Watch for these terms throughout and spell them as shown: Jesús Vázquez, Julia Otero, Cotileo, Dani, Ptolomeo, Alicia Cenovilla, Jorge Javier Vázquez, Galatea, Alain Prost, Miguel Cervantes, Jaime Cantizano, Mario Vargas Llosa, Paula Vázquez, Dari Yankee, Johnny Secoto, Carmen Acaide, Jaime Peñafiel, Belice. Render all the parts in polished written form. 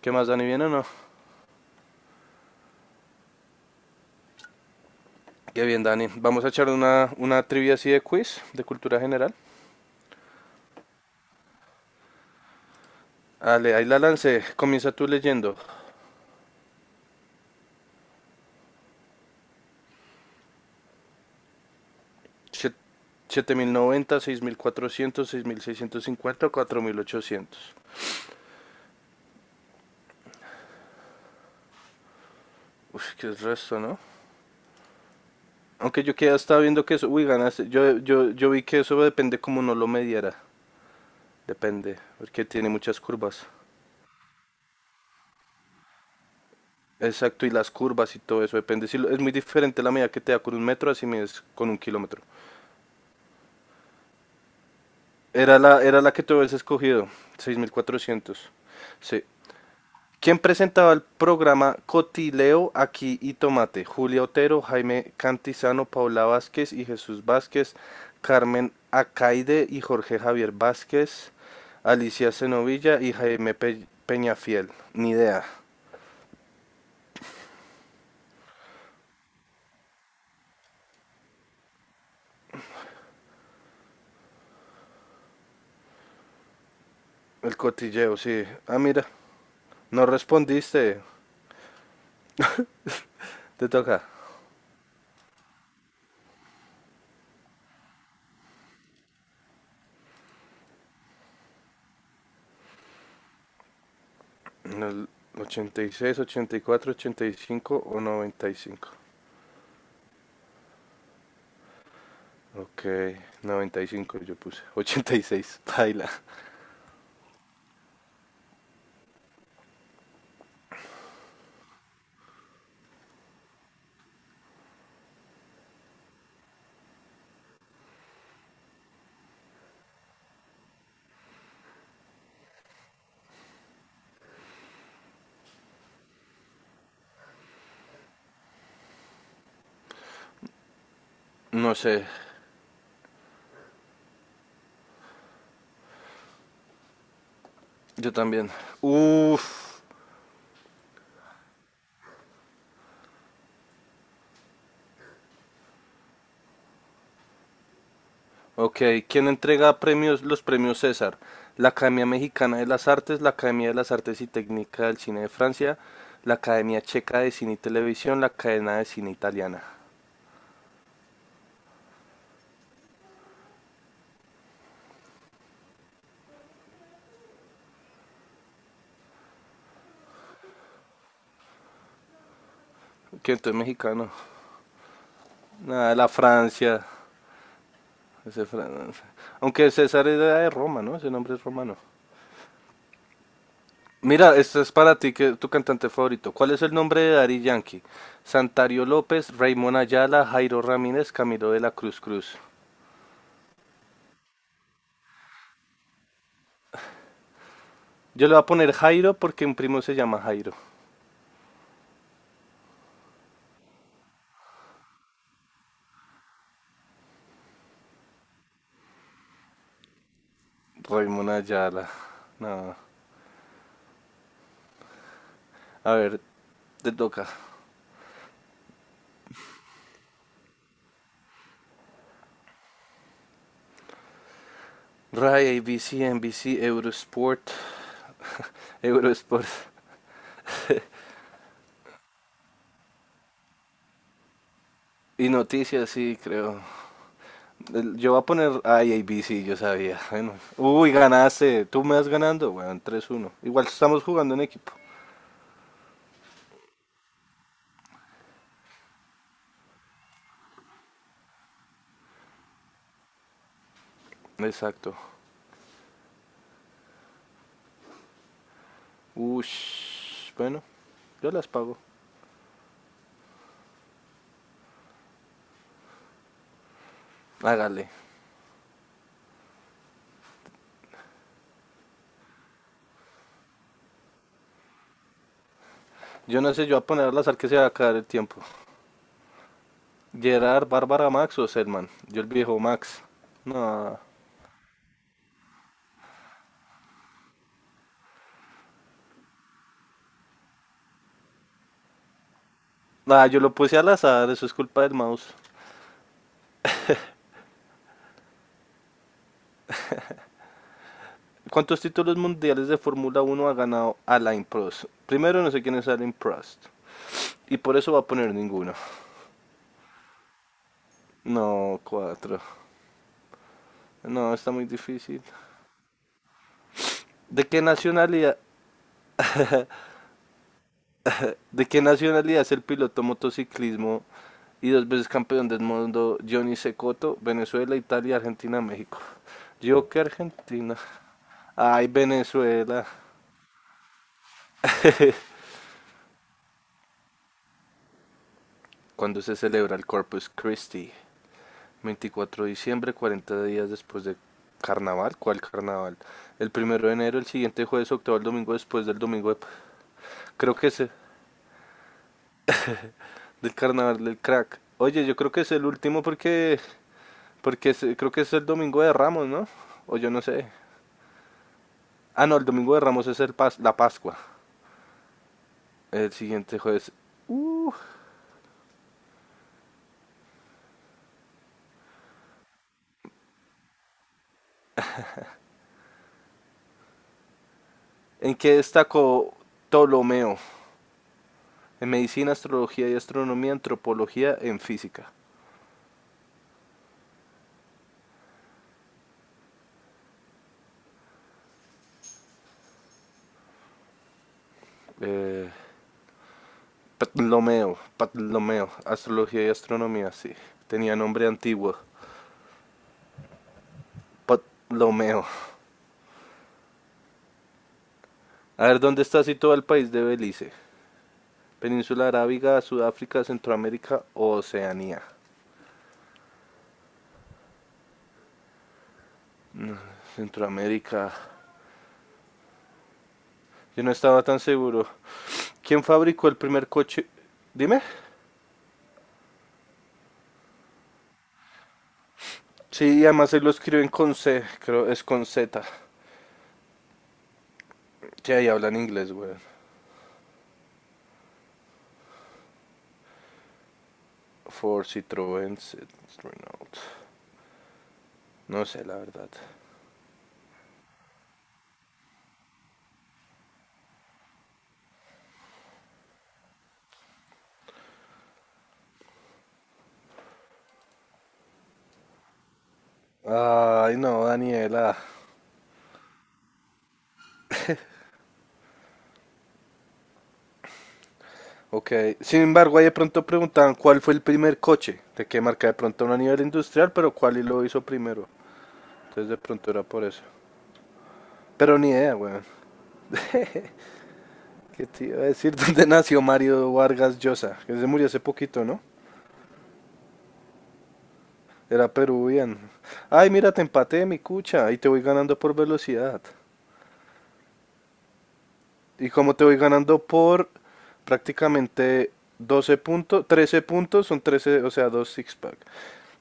¿Qué más, Dani? ¿Bien o no? Qué bien, Dani. Vamos a echar una trivia así de quiz, de cultura general. Dale, ahí la lancé. Comienza tú leyendo. Siete- mil noventa, seis cuatrocientos, 6.650, 4.800. Uf, qué es resto, ¿no? Aunque yo que ya estaba viendo que eso, uy, ganaste. Yo vi que eso depende como no lo mediara. Depende, porque tiene muchas curvas. Exacto, y las curvas y todo eso depende. Si lo- Es muy diferente la medida que te da con un metro, así mides con un kilómetro. Era la que tú habías escogido, 6.400. Sí. ¿Quién presentaba el programa Cotileo aquí y Tomate? Julia Otero, Jaime Cantizano, Paula Vázquez y Jesús Vázquez, Carmen Acaide y Jorge Javier Vázquez, Alicia Cenovilla y Jaime Peñafiel. Ni idea. El cotilleo, sí. Ah, mira, no respondiste. Te toca. En el ochenta y seis, ochenta y cuatro, ochenta y cinco o noventa y cinco. Ok, 95 yo puse. Ochenta y seis, baila. No sé, yo también. Uf, ok. ¿Quién entrega premios, los premios César? La Academia Mexicana de las Artes, la Academia de las Artes y Técnica del Cine de Francia, la Academia Checa de Cine y Televisión, la Cadena de Cine Italiana. ¿Quién entonces mexicano? Nada, la Francia. Ese Fran- Aunque César era de Roma, ¿no? Ese nombre es romano. Mira, esta es para ti, que tu cantante favorito. ¿Cuál es el nombre de Dari Yankee? Santario López, Raymond Ayala, Jairo Ramírez, Camilo de la Cruz. Yo le voy a poner Jairo porque un primo se llama Jairo. Raymond Ayala. No. A ver, te toca. Rai, ABC, NBC, Eurosport. Eurosport. Y noticias, sí, creo. Yo voy a poner ay, ABC, yo sabía. Bueno. Uy, ganaste. Tú me vas ganando. Bueno, tres uno. Igual estamos jugando en equipo. Exacto. Ush, bueno, yo las pago. Hágale. Yo no sé, yo voy a ponerlas al que se va a acabar el tiempo. Gerard, Bárbara, Max o Selman. Yo el viejo Max. No. Ah, yo lo puse al azar, eso es culpa del mouse. ¿Cuántos títulos mundiales de Fórmula Uno ha ganado Alain Prost? Primero no sé quién es Alain Prost. Y por eso va a poner ninguno. No, cuatro. No, está muy difícil. ¿De qué nacionalidad ¿De qué nacionalidad es el piloto motociclismo y dos veces campeón del mundo Johnny Secoto? Venezuela, Italia, Argentina, México. Yo que Argentina. Ay, Venezuela. ¿Cuándo se celebra el Corpus Christi? 24 de diciembre, 40 días después de carnaval. ¿Cuál carnaval? El primero de enero, el siguiente jueves, octavo, el domingo después del Creo que del carnaval del crack. Oye, yo creo que es el último porque creo que es el domingo de Ramos, ¿no? O yo no sé. Ah, no, el domingo de Ramos es la Pascua. El siguiente jueves. Uh, ¿En qué destacó Ptolomeo? En medicina, astrología y astronomía, antropología, en física. Eh, Ptolomeo, Ptolomeo, astrología y astronomía, sí. Tenía nombre antiguo. Ptolomeo. A ver, ¿dónde está situado el país de Belice? Península Arábiga, Sudáfrica, Centroamérica o Oceanía. Centroamérica. Yo no estaba tan seguro. ¿Quién fabricó el primer coche? Dime. Sí, además se lo escriben con C, creo es con Z. Sí, ahí hablan inglés, güey. Ford, Citroën, Renault. No sé, la verdad. Ay, no, Daniela. Ok. Sin embargo, ahí de pronto preguntaban cuál fue el primer coche. De qué marca de pronto no a nivel industrial, pero cuál y lo hizo primero. Entonces de pronto era por eso. Pero ni idea, güey. ¿Qué te iba a decir? ¿Dónde nació Mario Vargas Llosa? Que se murió hace poquito, ¿no? Era peruviano. Ay, mira, te empaté, mi cucha. Y te voy ganando por velocidad. Y como te voy ganando por prácticamente 12 puntos, 13 puntos, son 13 o sea, dos six-pack.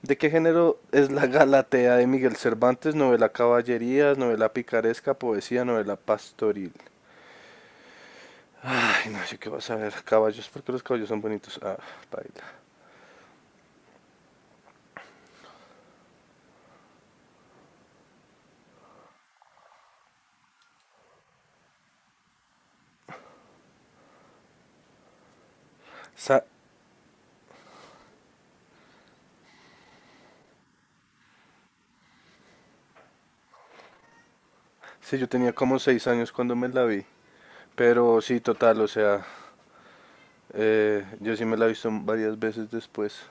¿De qué género es la Galatea de Miguel Cervantes? Novela caballerías, novela picaresca, poesía, novela pastoril. Ay, no sé qué vas a ver. Caballos, porque los caballos son bonitos. Ah, baila. Sa- sí, yo tenía como 6 años cuando me la vi. Pero sí, total, o sea, yo sí me la he visto varias veces después.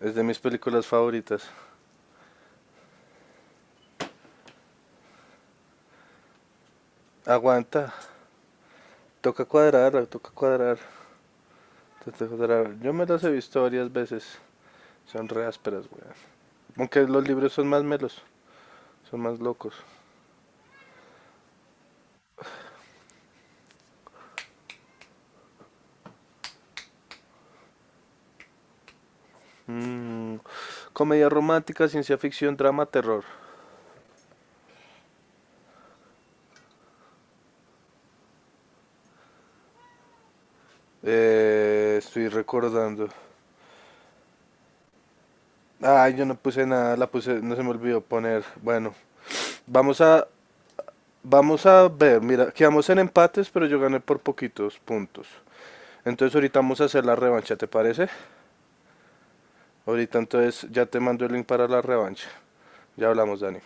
Es de mis películas favoritas. Aguanta, toca cuadrar, toca cuadrar. Yo me las he visto varias veces. Son re ásperas, weón. Aunque los libros son más melos, son más locos. Mm, Comedia romántica, ciencia ficción, drama, terror. Estoy recordando. Ah, yo no puse nada, la puse, no se me olvidó poner. Bueno, vamos a, vamos a ver. Mira, quedamos en empates, pero yo gané por poquitos puntos. Entonces ahorita vamos a hacer la revancha, ¿te parece? Ahorita entonces ya te mando el link para la revancha. Ya hablamos, Dani.